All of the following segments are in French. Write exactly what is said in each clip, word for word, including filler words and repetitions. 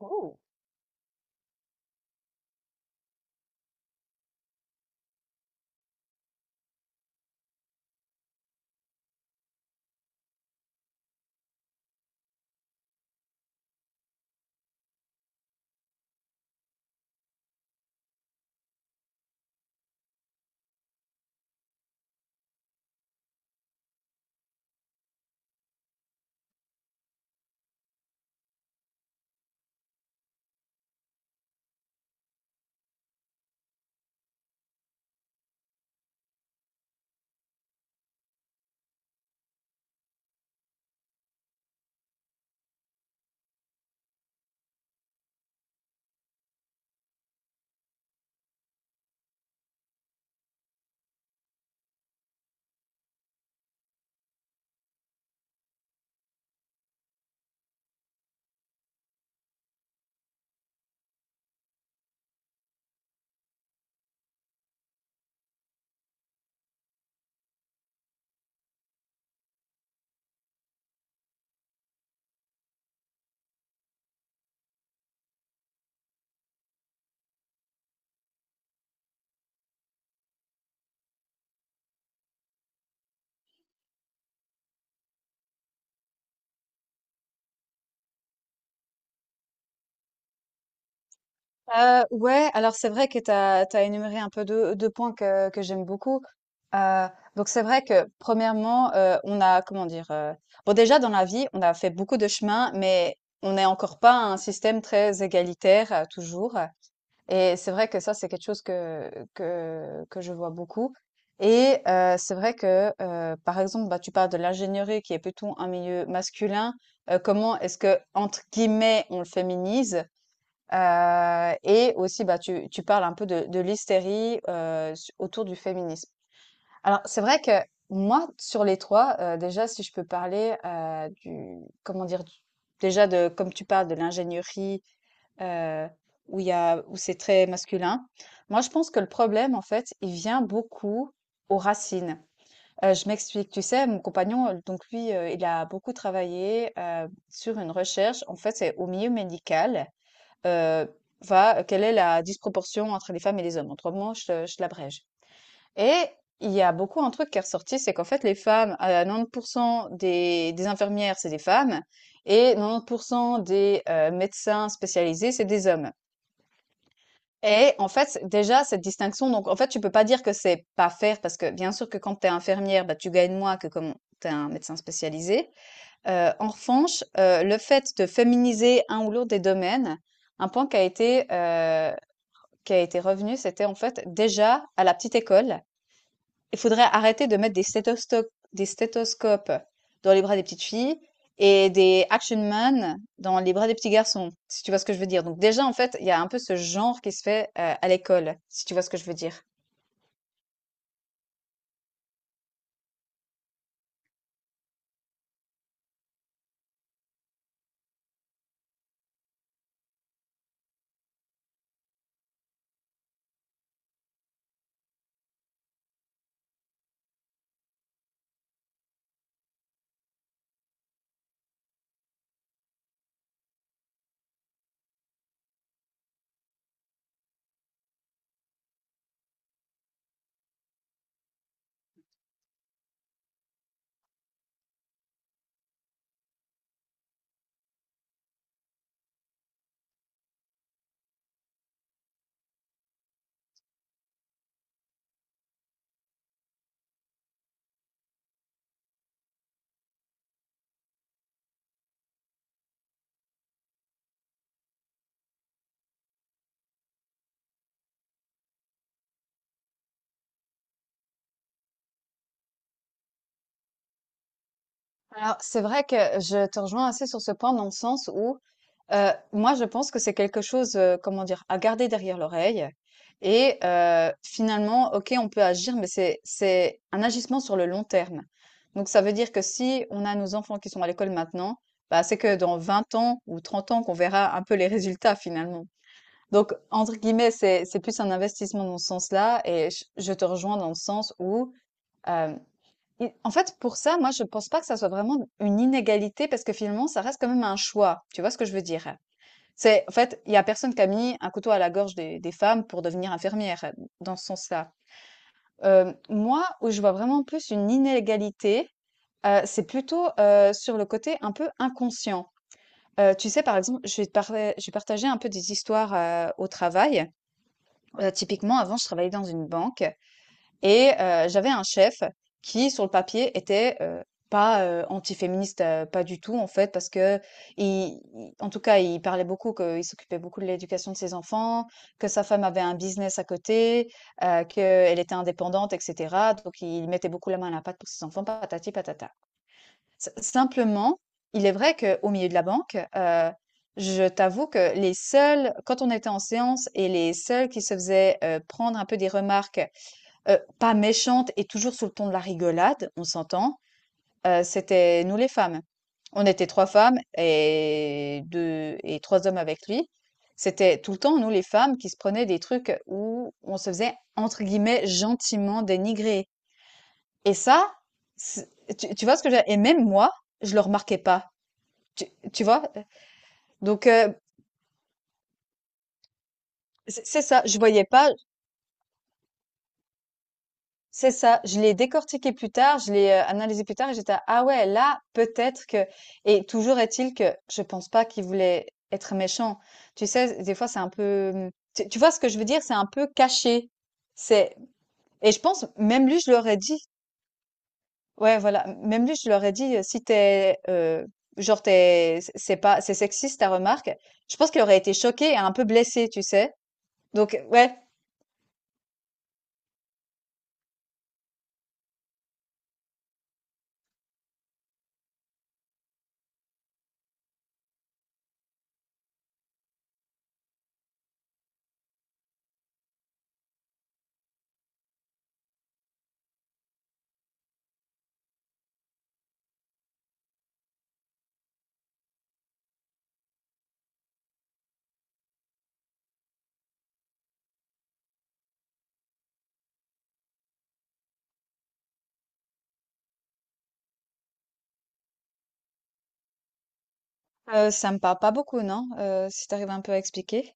Oh. Euh, ouais, alors c'est vrai que tu as énuméré un peu deux, deux points que, que j'aime beaucoup. Euh, donc c'est vrai que premièrement, euh, on a, comment dire, euh, bon déjà dans la vie, on a fait beaucoup de chemin, mais on n'est encore pas un système très égalitaire, euh, toujours. Et c'est vrai que, que je vois beaucoup. Et euh, euh, par exemple, bah, tu peux ignorer qu'il y ait plutôt un milieu masculin. euh, comment est-ce que entrer, on le féminise? Heu et aussi, bah, tu tu parles un peu de de l'hystérie, heu, su autour du féminisme. Alors, c'est vrai que moi, sur les trois, heu, déjà, si je peux parler, heu, du comment dire? Du déjà de comme tu parles de l'ingénierie, heu, où il y a où c'est très masculin. Moi, je pense que le problème, en fait, il vient beaucoup aux racines. Heu, je m'explique. Tu sais, mon compagnon, heu, donc lui, heu, il a beaucoup travaillé, heu, sur une recherche. En fait, c'est au milieu médical, heu, va euh, quelle est la disproportion entre les femmes et les hommes? En trois mots, je te je te l'abrège, et il y a beaucoup un truc qui est ressorti, c'est qu'en fait les femmes, à quatre-vingt-dix des des infirmières, c'est des femmes, et quatre-vingt-dix des, heu, médecins spécialisés, c'est des hommes. Et en fait, c'est- déjà cette distinction, donc en fait, tu peux pas dire que c'est pas fair, parce que bien sûr que quand tu es infirmière, bah, tu gagnes moins que comme tu es un médecin spécialisé. Heu, en revanche, heu, le fait de féminiser un ou l'autre des domaines, un point qui a été, heu qui a été revenu, c'était en fait déjà à la petite école, il faudrait arrêter de mettre des stéthosto- des stéthoscopes dans les bras des petites filles et des action man dans les bras des petits garçons, si tu vois ce que je veux dire. Donc déjà, en fait, il y a un peu ce genre qui se fait, euh, à l'école, si tu vois ce que je veux dire. Alors, c'est vrai que je te rejoins assez sur ce point dans le sens où, euh, moi, je pense que c'est quelque chose, euh, comment dire, à garder derrière l'oreille. Et euh, finalement, ok, on peut agir, mais c'est c'est un agissement sur le long terme. Donc, ça veut dire que si on a nos enfants qui sont à l'école maintenant, bah, c'est que dans vingt ans ou trente ans qu'on verra un peu les résultats finalement. Donc, entre guillemets, c'est c'est plus un investissement dans ce sens-là. Et je, je te rejoins dans le sens où, euh, et en fait, pour ça, moi, je pense pas que ça soit vraiment une inégalité parce que finalement, ça reste quand même un choix. Tu vois ce que je veux dire? C'est, en fait, il y a personne qui a mis un couteau à la gorge des, des femmes pour devenir infirmière dans ce sens-là. Euh, moi, où je vois vraiment plus une inégalité, euh, c'est plutôt euh, sur le côté un peu inconscient. Euh, tu sais, par exemple, je vais te parler- je vais partager un peu des histoires, euh, au travail. Euh, typiquement, avant, je travaillais dans une banque, et euh, j'avais un chef qui, sur le papier, était, euh, pas euh, antiféministe, euh, pas du tout en fait, parce que il, il- en tout cas, il parlait beaucoup qu'il s'occupait beaucoup de l'éducation de ses enfants, que sa femme avait un business à côté, euh, qu'elle était indépendante, et cetera. Donc, il mettait beaucoup la main à la pâte pour ses enfants, patati patata. S- simplement, il est vrai qu'au milieu de la banque, euh, je t'avoue que les seuls, quand on était en séance, et les seuls qui se faisaient, euh, prendre un peu des remarques, Heu, pas méchante et toujours sous le ton de la rigolade, on s'entend, heu, c'était nous les femmes. On était trois femmes et deux et trois hommes avec lui. C'était tout le temps nous les femmes qui se prenaient des trucs où on se faisait entre guillemets «gentiment dénigrer», et ça, c'est tu tu vois ce que je… Et même moi, je le remarquais pas. Tu tu vois? donc heu, c'est c'est ça, je voyais pas. C'est ça, je l'ai décortiqué plus tard, je l'ai, heu, analysé plus tard et j'étais: «Ah ouais, là, peut-être que…» Et toujours est-il que je pense pas qu'il voulait être méchant. Tu sais, des fois, c'est un peu, mmh, tu tu vois ce que je veux dire? C'est un peu caché. C'est et je pense même lui, je l'aurais dit. Ouais, voilà, même lui, je l'aurais dit, heu: «Si t'es es, genre, t'es c'est c'est pas c'est sexiste ta remarque», je pense qu'il aurait été choqué et un peu blessé, tu sais? Donc ouais, heu, ça me parle pas beaucoup, non? Heu, si tu arrives un peu à expliquer?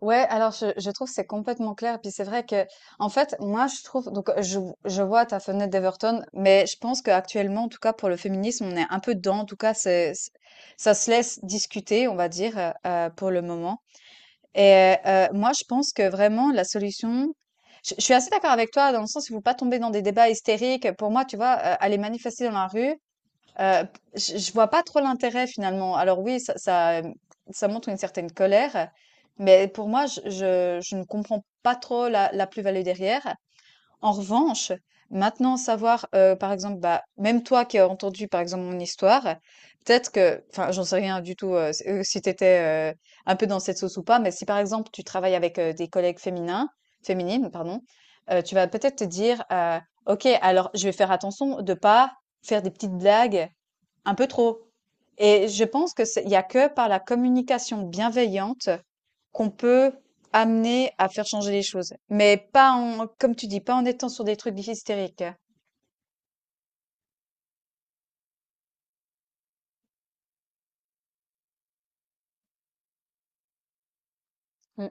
Ouais, alors je je trouve que c'est complètement clair. Puis c'est vrai que, en fait, moi je trouve, donc euh, je, je vois ta fenêtre d'Everton, mais je pense qu'actuellement, en tout cas pour le féminisme, on est un peu dedans. En tout cas, c'est, c'est- ça se laisse discuter, on va dire, euh, euh, pour le moment. Et euh, euh, moi, je pense que vraiment la solution, je, je suis assez d'accord avec toi dans le sens où il faut pas tomber dans des débats hystériques. Pour moi, tu vois, euh, aller manifester dans la rue. Heu, je je vois pas trop l'intérêt finalement. Alors oui, ça ça, ça montre une certaine colère, mais pour moi, je je je ne comprends pas trop la la plus-value derrière. En revanche, maintenant savoir, heu, par exemple, bah, même toi qui as entendu, par exemple, mon histoire, peut-être que enfin, j'en sais rien du tout, heu, s heu, si t'étais étais, un peu dans cette sauce ou pas, mais si par exemple, tu travailles avec, heu, des collègues féminins féminines, pardon, heu, tu vas peut-être te dire, heu: «OK, alors je vais faire attention de pas faire des petites blagues un peu trop, et je pense que c'est il y a que par la communication bienveillante qu'on peut amener à faire changer les choses. Mais pas en, comme tu dis, pas en étant sur des trucs hystériques.» Mm.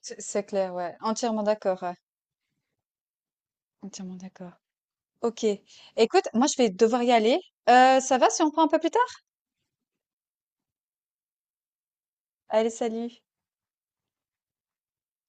C'est c'est clair, ouais. Entièrement d'accord. Ouais. Entièrement d'accord. Ok. Écoute, moi, je vais devoir y aller. Euh, ça va si on prend un peu plus tard? Allez, salut.